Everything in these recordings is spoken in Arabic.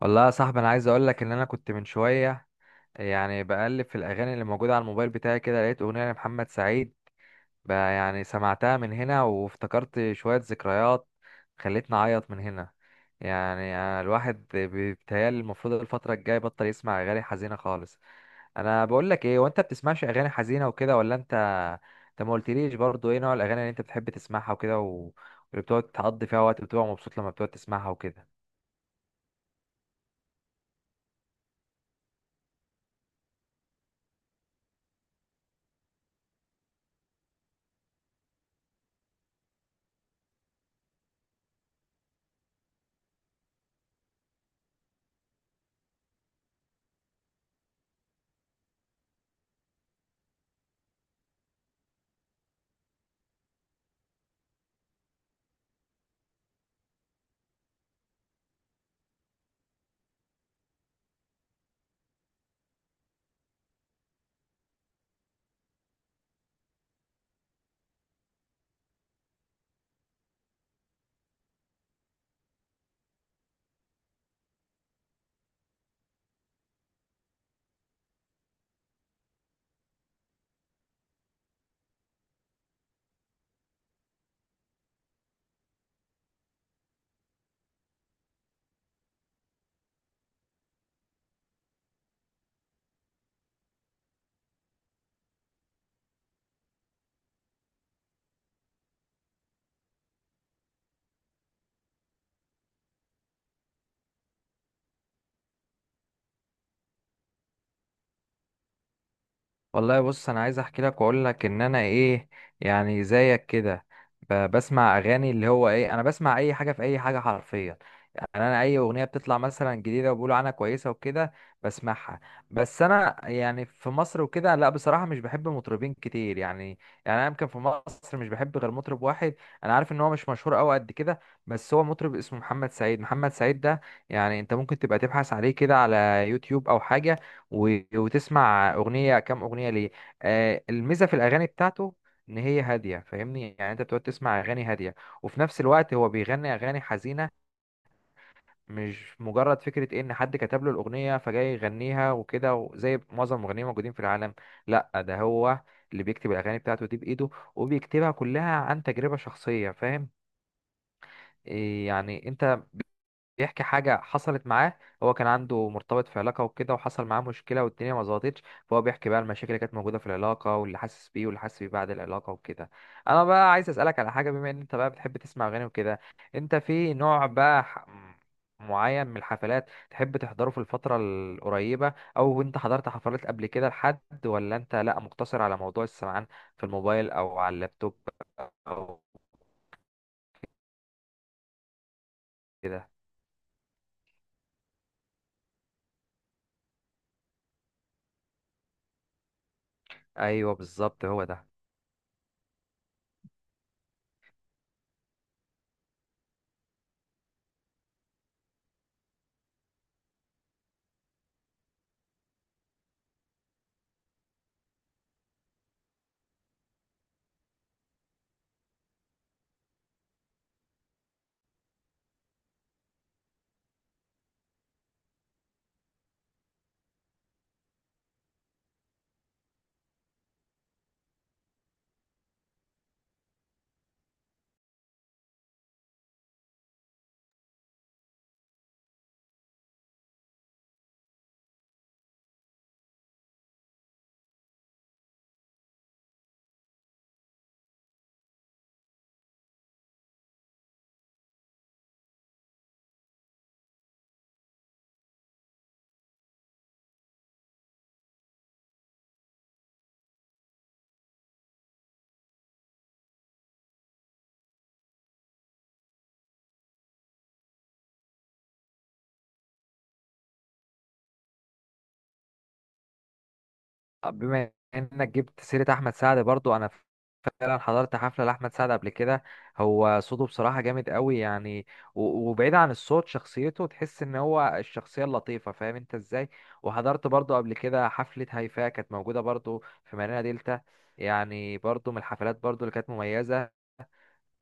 والله يا صاحبي، انا عايز اقول لك ان انا كنت من شويه يعني بقلب في الاغاني اللي موجوده على الموبايل بتاعي كده، لقيت اغنيه لمحمد سعيد. بقى يعني سمعتها من هنا وافتكرت شويه ذكريات خلتني اعيط من هنا. يعني الواحد بيتهيألي المفروض الفتره الجايه يبطل يسمع اغاني حزينه خالص. انا بقول لك ايه، وانت بتسمعش اغاني حزينه وكده ولا انت؟ انت ما قلتليش برضو ايه نوع الاغاني اللي انت بتحب تسمعها وكده واللي بتقعد تقضي فيها وقت بتبقى مبسوط لما بتقعد تسمعها وكده. والله بص، انا عايز احكي لك واقول لك ان انا ايه، يعني زيك كده بسمع اغاني اللي هو ايه، انا بسمع اي حاجه في اي حاجه حرفيا. يعني انا اي اغنيه بتطلع مثلا جديده وبيقولوا عنها كويسه وكده بسمعها. بس انا يعني في مصر وكده لا، بصراحه مش بحب مطربين كتير يعني. يعني انا يمكن في مصر مش بحب غير مطرب واحد. انا عارف ان هو مش مشهور قوي قد كده، بس هو مطرب اسمه محمد سعيد. محمد سعيد ده يعني انت ممكن تبقى تبحث عليه كده على يوتيوب او حاجه وتسمع اغنيه، كام اغنيه ليه. آه الميزه في الاغاني بتاعته ان هي هاديه، فاهمني؟ يعني انت بتقعد تسمع اغاني هاديه وفي نفس الوقت هو بيغني اغاني حزينه. مش مجرد فكره إيه ان حد كتب له الاغنيه فجاي يغنيها وكده زي معظم المغنيين الموجودين في العالم. لا، ده هو اللي بيكتب الاغاني بتاعته دي بايده، وبيكتبها كلها عن تجربه شخصيه. فاهم إيه يعني انت؟ بيحكي حاجة حصلت معاه. هو كان عنده مرتبط في علاقة وكده وحصل معاه مشكلة والدنيا ما ظبطتش، فهو بيحكي بقى المشاكل اللي كانت موجودة في العلاقة واللي حاسس بيه، واللي حاسس بيه بعد العلاقة وكده. أنا بقى عايز أسألك على حاجة، بما إن أنت بقى بتحب تسمع أغاني وكده، أنت في نوع بقى معين من الحفلات تحب تحضره في الفترة القريبة، أو أنت حضرت حفلات قبل كده لحد، ولا أنت لأ مقتصر على موضوع السمعان في الموبايل أو على اللابتوب أو كده؟ أيوه بالظبط هو ده. آه، بما انك جبت سيرة احمد سعد برضو، انا فعلا حضرت حفلة لأحمد سعد قبل كده. هو صوته بصراحة جامد قوي يعني، وبعيد عن الصوت شخصيته تحس ان هو الشخصية اللطيفة، فاهم انت ازاي؟ وحضرت برضو قبل كده حفلة هيفاء، كانت موجودة برضو في مارينا دلتا، يعني برضو من الحفلات برضو اللي كانت مميزة.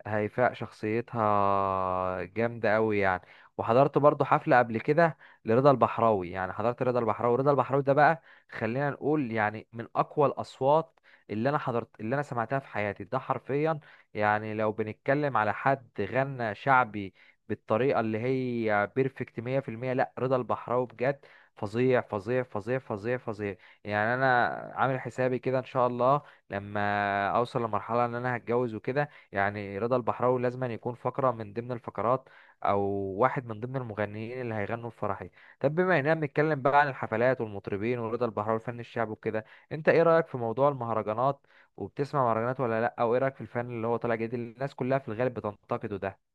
هيفاء شخصيتها جامدة قوي يعني. وحضرت برضو حفلة قبل كده لرضا البحراوي، يعني حضرت رضا البحراوي. رضا البحراوي ده بقى خلينا نقول يعني من أقوى الأصوات اللي أنا سمعتها في حياتي، ده حرفيا. يعني لو بنتكلم على حد غنى شعبي بالطريقة اللي هي بيرفكت 100%، لا رضا البحراوي بجد فظيع فظيع فظيع فظيع فظيع. يعني أنا عامل حسابي كده إن شاء الله، لما أوصل لمرحلة إن أنا هتجوز وكده، يعني رضا البحراوي لازم أن يكون فقرة من ضمن الفقرات، أو واحد من ضمن المغنيين اللي هيغنوا في فرحي. طب بما إننا بنتكلم بقى عن الحفلات والمطربين ورضا البحراوي الفن الشعبي وكده، أنت إيه رأيك في موضوع المهرجانات؟ وبتسمع مهرجانات ولا لأ؟ أو إيه رأيك في الفن اللي هو طالع جديد اللي الناس كلها في الغالب بتنتقده ده؟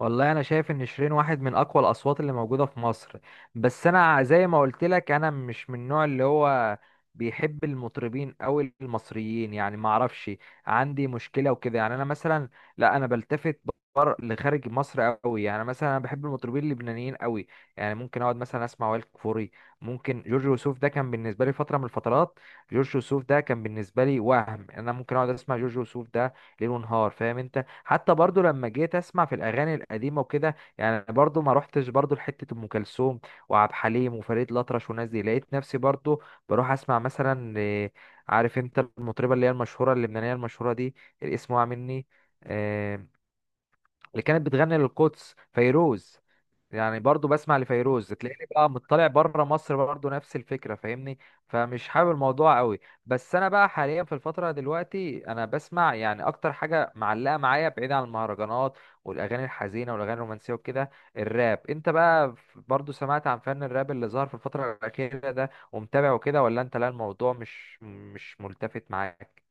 والله انا شايف ان شيرين واحد من اقوى الاصوات اللي موجوده في مصر. بس انا زي ما قلت لك، انا مش من النوع اللي هو بيحب المطربين او المصريين يعني، ما اعرفش عندي مشكله وكده يعني. انا مثلا لا، انا بلتفت بر لخارج مصر قوي يعني. مثلا انا بحب المطربين اللبنانيين قوي يعني. ممكن اقعد مثلا اسمع وائل كفوري، ممكن جورج وسوف. ده كان بالنسبه لي فتره من الفترات. جورج وسوف ده كان بالنسبه لي وهم، انا ممكن اقعد اسمع جورج وسوف ده ليل ونهار، فاهم انت؟ حتى برضو لما جيت اسمع في الاغاني القديمه وكده، يعني برضو ما روحتش برضو لحته ام كلثوم وعبد الحليم وفريد الاطرش والناس دي. لقيت نفسي برضو بروح اسمع مثلا آه، عارف انت المطربه اللي هي المشهوره اللبنانيه المشهوره دي، الاسم وقع مني، آه، اللي كانت بتغني للقدس، فيروز. يعني برضو بسمع لفيروز، تلاقيني بقى مطلع بره مصر برضو نفس الفكره فاهمني. فمش حابب الموضوع قوي. بس انا بقى حاليا في الفتره دلوقتي انا بسمع يعني اكتر حاجه معلقه معايا، بعيد عن المهرجانات والاغاني الحزينه والاغاني الرومانسيه وكده. الراب، انت بقى برضو سمعت عن فن الراب اللي ظهر في الفتره الاخيره ده ومتابع وكده، ولا انت لا الموضوع مش ملتفت معاك؟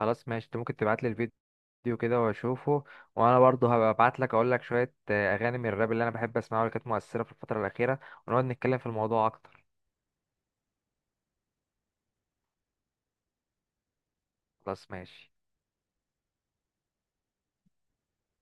خلاص ماشي، انت ممكن تبعت لي الفيديو كده واشوفه، وانا برضه هبقى ابعت لك اقول لك شويه آه، اغاني من الراب اللي انا بحب اسمعها واللي كانت مؤثره في الفتره الاخيره، ونقعد نتكلم في الموضوع اكتر. خلاص ماشي.